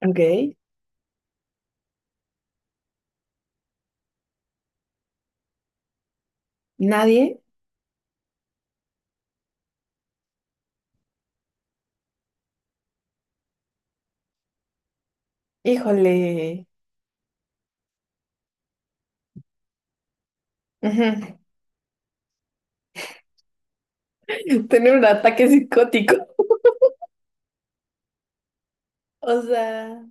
Ok, nadie, híjole, ujú, tener un ataque psicótico. O sea,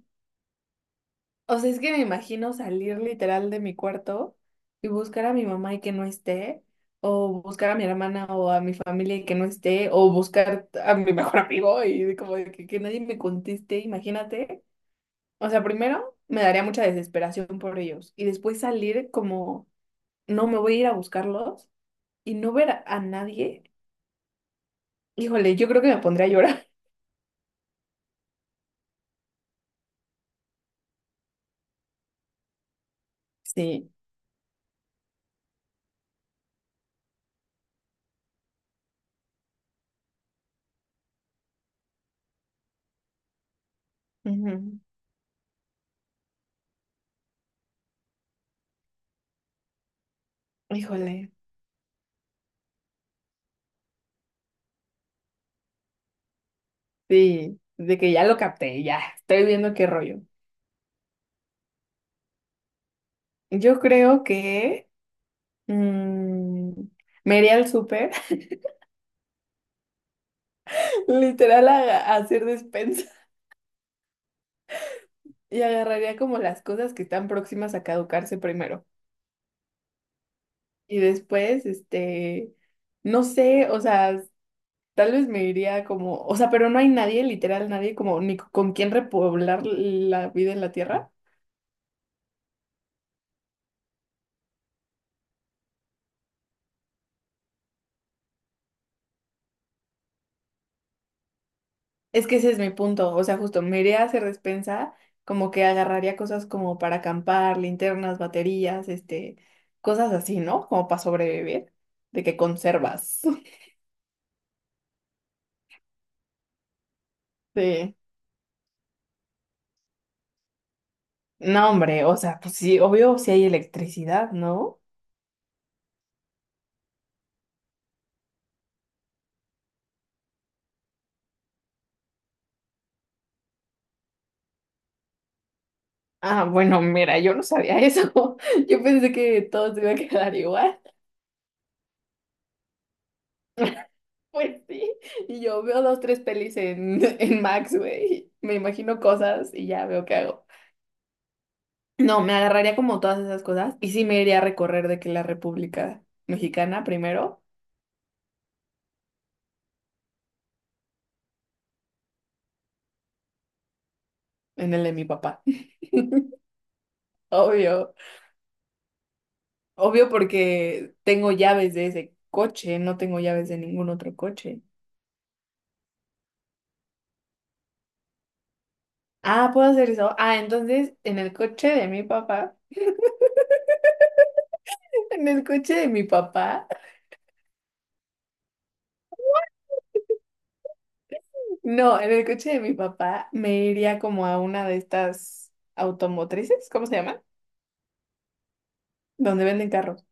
es que me imagino salir literal de mi cuarto y buscar a mi mamá y que no esté, o buscar a mi hermana o a mi familia y que no esté, o buscar a mi mejor amigo y de como de que nadie me conteste, imagínate. O sea, primero me daría mucha desesperación por ellos y después salir como, no, me voy a ir a buscarlos y no ver a nadie. Híjole, yo creo que me pondría a llorar. Sí, ujú. Híjole, sí, de que ya lo capté, ya, estoy viendo qué rollo. Yo creo que mm, me iría al súper, literal, a hacer despensa, y agarraría como las cosas que están próximas a caducarse primero. Y después, este, no sé, o sea, tal vez me iría como, o sea, pero no hay nadie, literal, nadie como ni con quien repoblar la vida en la tierra. Es que ese es mi punto, o sea, justo me iría a hacer despensa, como que agarraría cosas como para acampar, linternas, baterías, este, cosas así, ¿no? Como para sobrevivir, de que conservas. Sí. No, hombre, o sea, pues sí, obvio si hay electricidad, ¿no? Ah, bueno, mira, yo no sabía eso. Yo pensé que todo se iba a quedar igual. Pues sí, y yo veo dos, tres pelis en, en Max, güey. Me imagino cosas y ya veo qué hago. No, me agarraría como todas esas cosas y sí me iría a recorrer de que la República Mexicana primero, en el de mi papá. Obvio, obvio porque tengo llaves de ese coche, no tengo llaves de ningún otro coche. Ah, ¿puedo hacer eso? Ah, entonces en el coche de mi papá, en el coche de mi papá, no, en el coche de mi papá me iría como a una de estas automotrices, ¿cómo se llaman? Donde venden carros.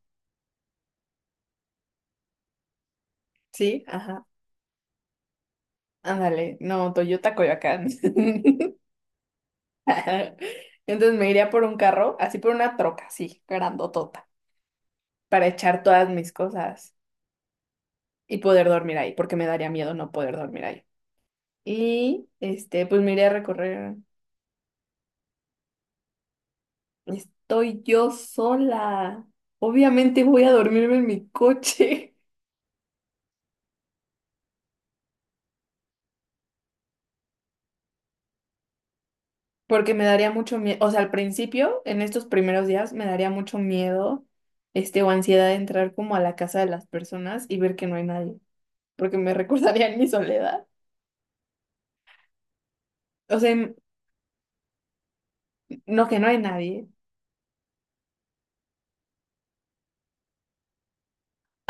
Sí, ajá. Ándale, no, Toyota Coyoacán. Entonces me iría por un carro, así por una troca, así, grandotota, para echar todas mis cosas y poder dormir ahí, porque me daría miedo no poder dormir ahí. Y este, pues me iría a recorrer. Estoy yo sola. Obviamente voy a dormirme en mi coche, porque me daría mucho miedo. O sea, al principio, en estos primeros días, me daría mucho miedo, este, o ansiedad de entrar como a la casa de las personas y ver que no hay nadie, porque me recordaría en mi soledad. O sea, no, que no hay nadie.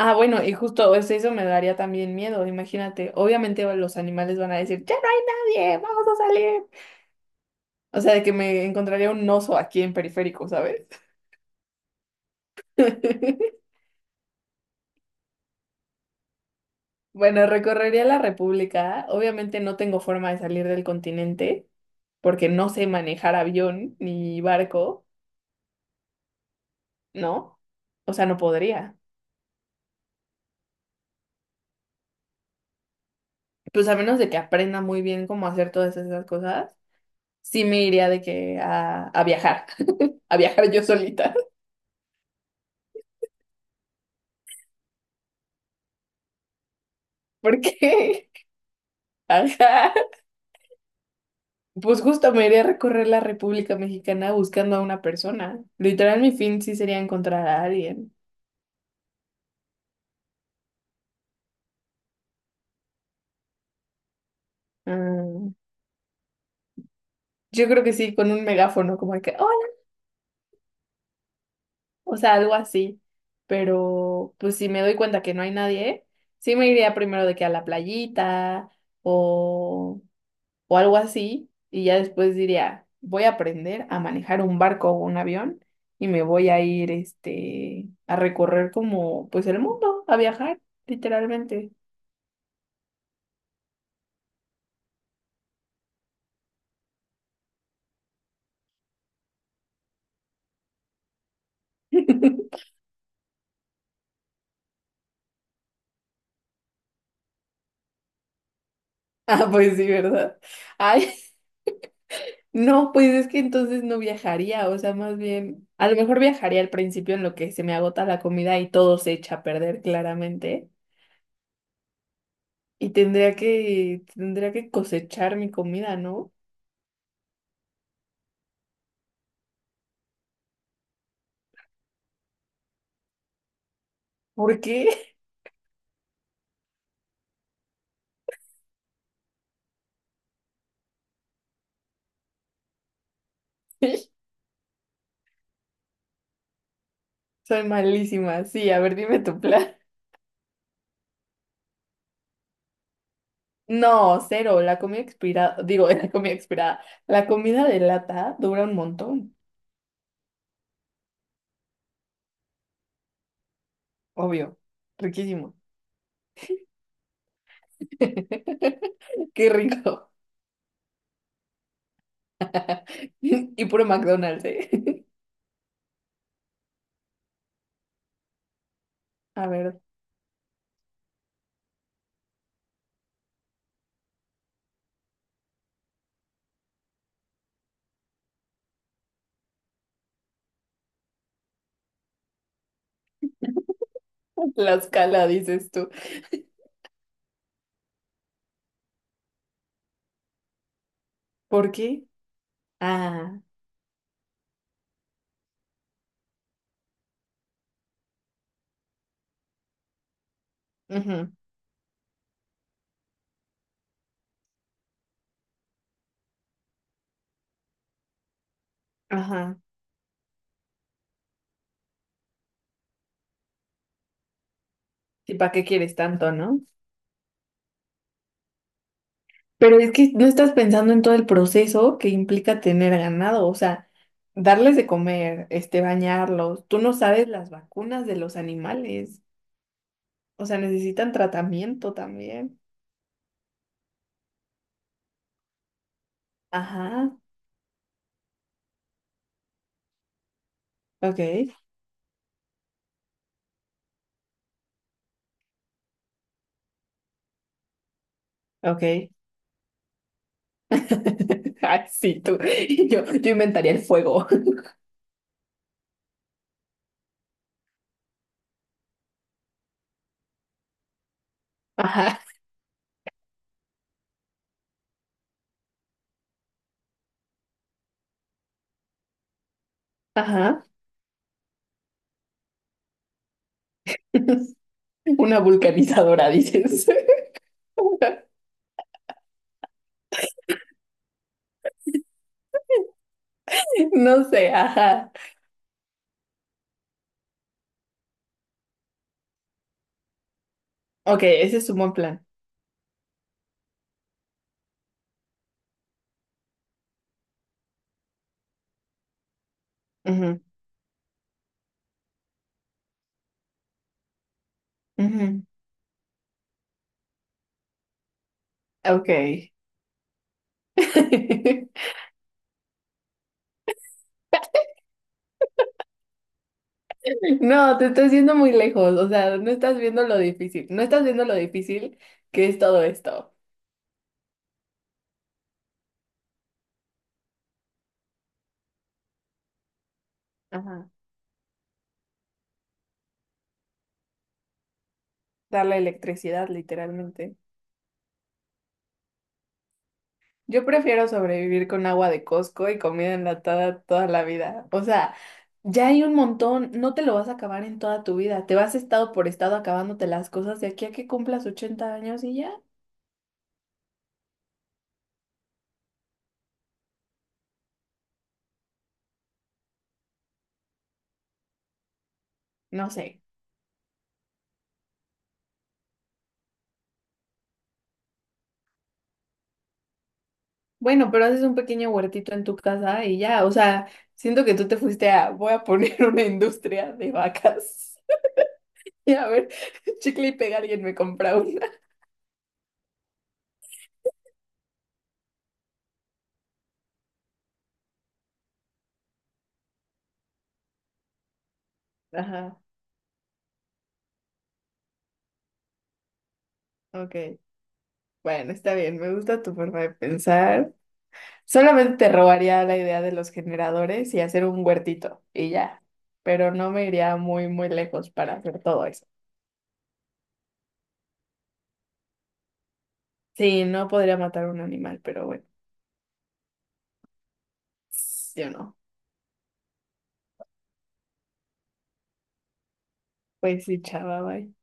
Ah, bueno, y justo eso, eso me daría también miedo, imagínate. Obviamente los animales van a decir, ya no hay nadie, vamos a salir. O sea, de que me encontraría un oso aquí en periférico, ¿sabes? Bueno, recorrería la República. Obviamente no tengo forma de salir del continente porque no sé manejar avión ni barco, ¿no? O sea, no podría. Pues a menos de que aprenda muy bien cómo hacer todas esas cosas, sí me iría de que a viajar, a viajar yo solita. Porque, ajá, pues justo me iría a recorrer la República Mexicana buscando a una persona. Literal, mi fin sí sería encontrar a alguien. Mm, yo creo que sí, con un megáfono, como de que, hola, o sea, algo así. Pero, pues si me doy cuenta que no hay nadie, sí me iría primero de que a la playita o... o algo así, y ya después diría, voy a aprender a manejar un barco o un avión y me voy a ir este a recorrer como pues el mundo, a viajar, literalmente. Ah, pues sí, ¿verdad? Ay, no, pues es que entonces no viajaría, o sea, más bien, a lo mejor viajaría al principio en lo que se me agota la comida y todo se echa a perder claramente, y tendría que cosechar mi comida, ¿no? ¿Por qué? Soy malísima. Sí, a ver, dime tu plan. No, cero. La comida expirada, digo, la comida expirada. La comida de lata dura un montón, obvio. Riquísimo. Qué rico. Y puro McDonald's, ¿eh? A ver, Tlaxcala, dices tú. ¿Por qué? Ah, ujú, ajá. ¿Y para qué quieres tanto, no? Pero es que no estás pensando en todo el proceso que implica tener ganado, o sea, darles de comer, este, bañarlos. Tú no sabes las vacunas de los animales, o sea, necesitan tratamiento también. Ajá, ok, ok. Ay, sí, tú. Yo inventaría el fuego. Ajá, ajá. Una vulcanizadora, dices. No sé, ajá. Ok, ese es un buen plan. Ujú, ujú. Ok. No, te estás yendo muy lejos, o sea, no estás viendo lo difícil, no estás viendo lo difícil que es todo esto. Ajá. Darle electricidad, literalmente. Yo prefiero sobrevivir con agua de Costco y comida enlatada toda la vida. O sea, ya hay un montón, no te lo vas a acabar en toda tu vida. Te vas estado por estado acabándote las cosas de aquí a que cumplas 80 años y ya, no sé. Bueno, pero haces un pequeño huertito en tu casa y ya, o sea, siento que tú te fuiste a, voy a poner una industria de vacas. Y a ver, chicle y pega, alguien me compra una. Ajá, ok. Bueno, está bien, me gusta tu forma de pensar. Solamente te robaría la idea de los generadores y hacer un huertito y ya, pero no me iría muy, muy lejos para hacer todo eso. Sí, no podría matar a un animal, pero bueno, yo no. Pues sí, chava, bye.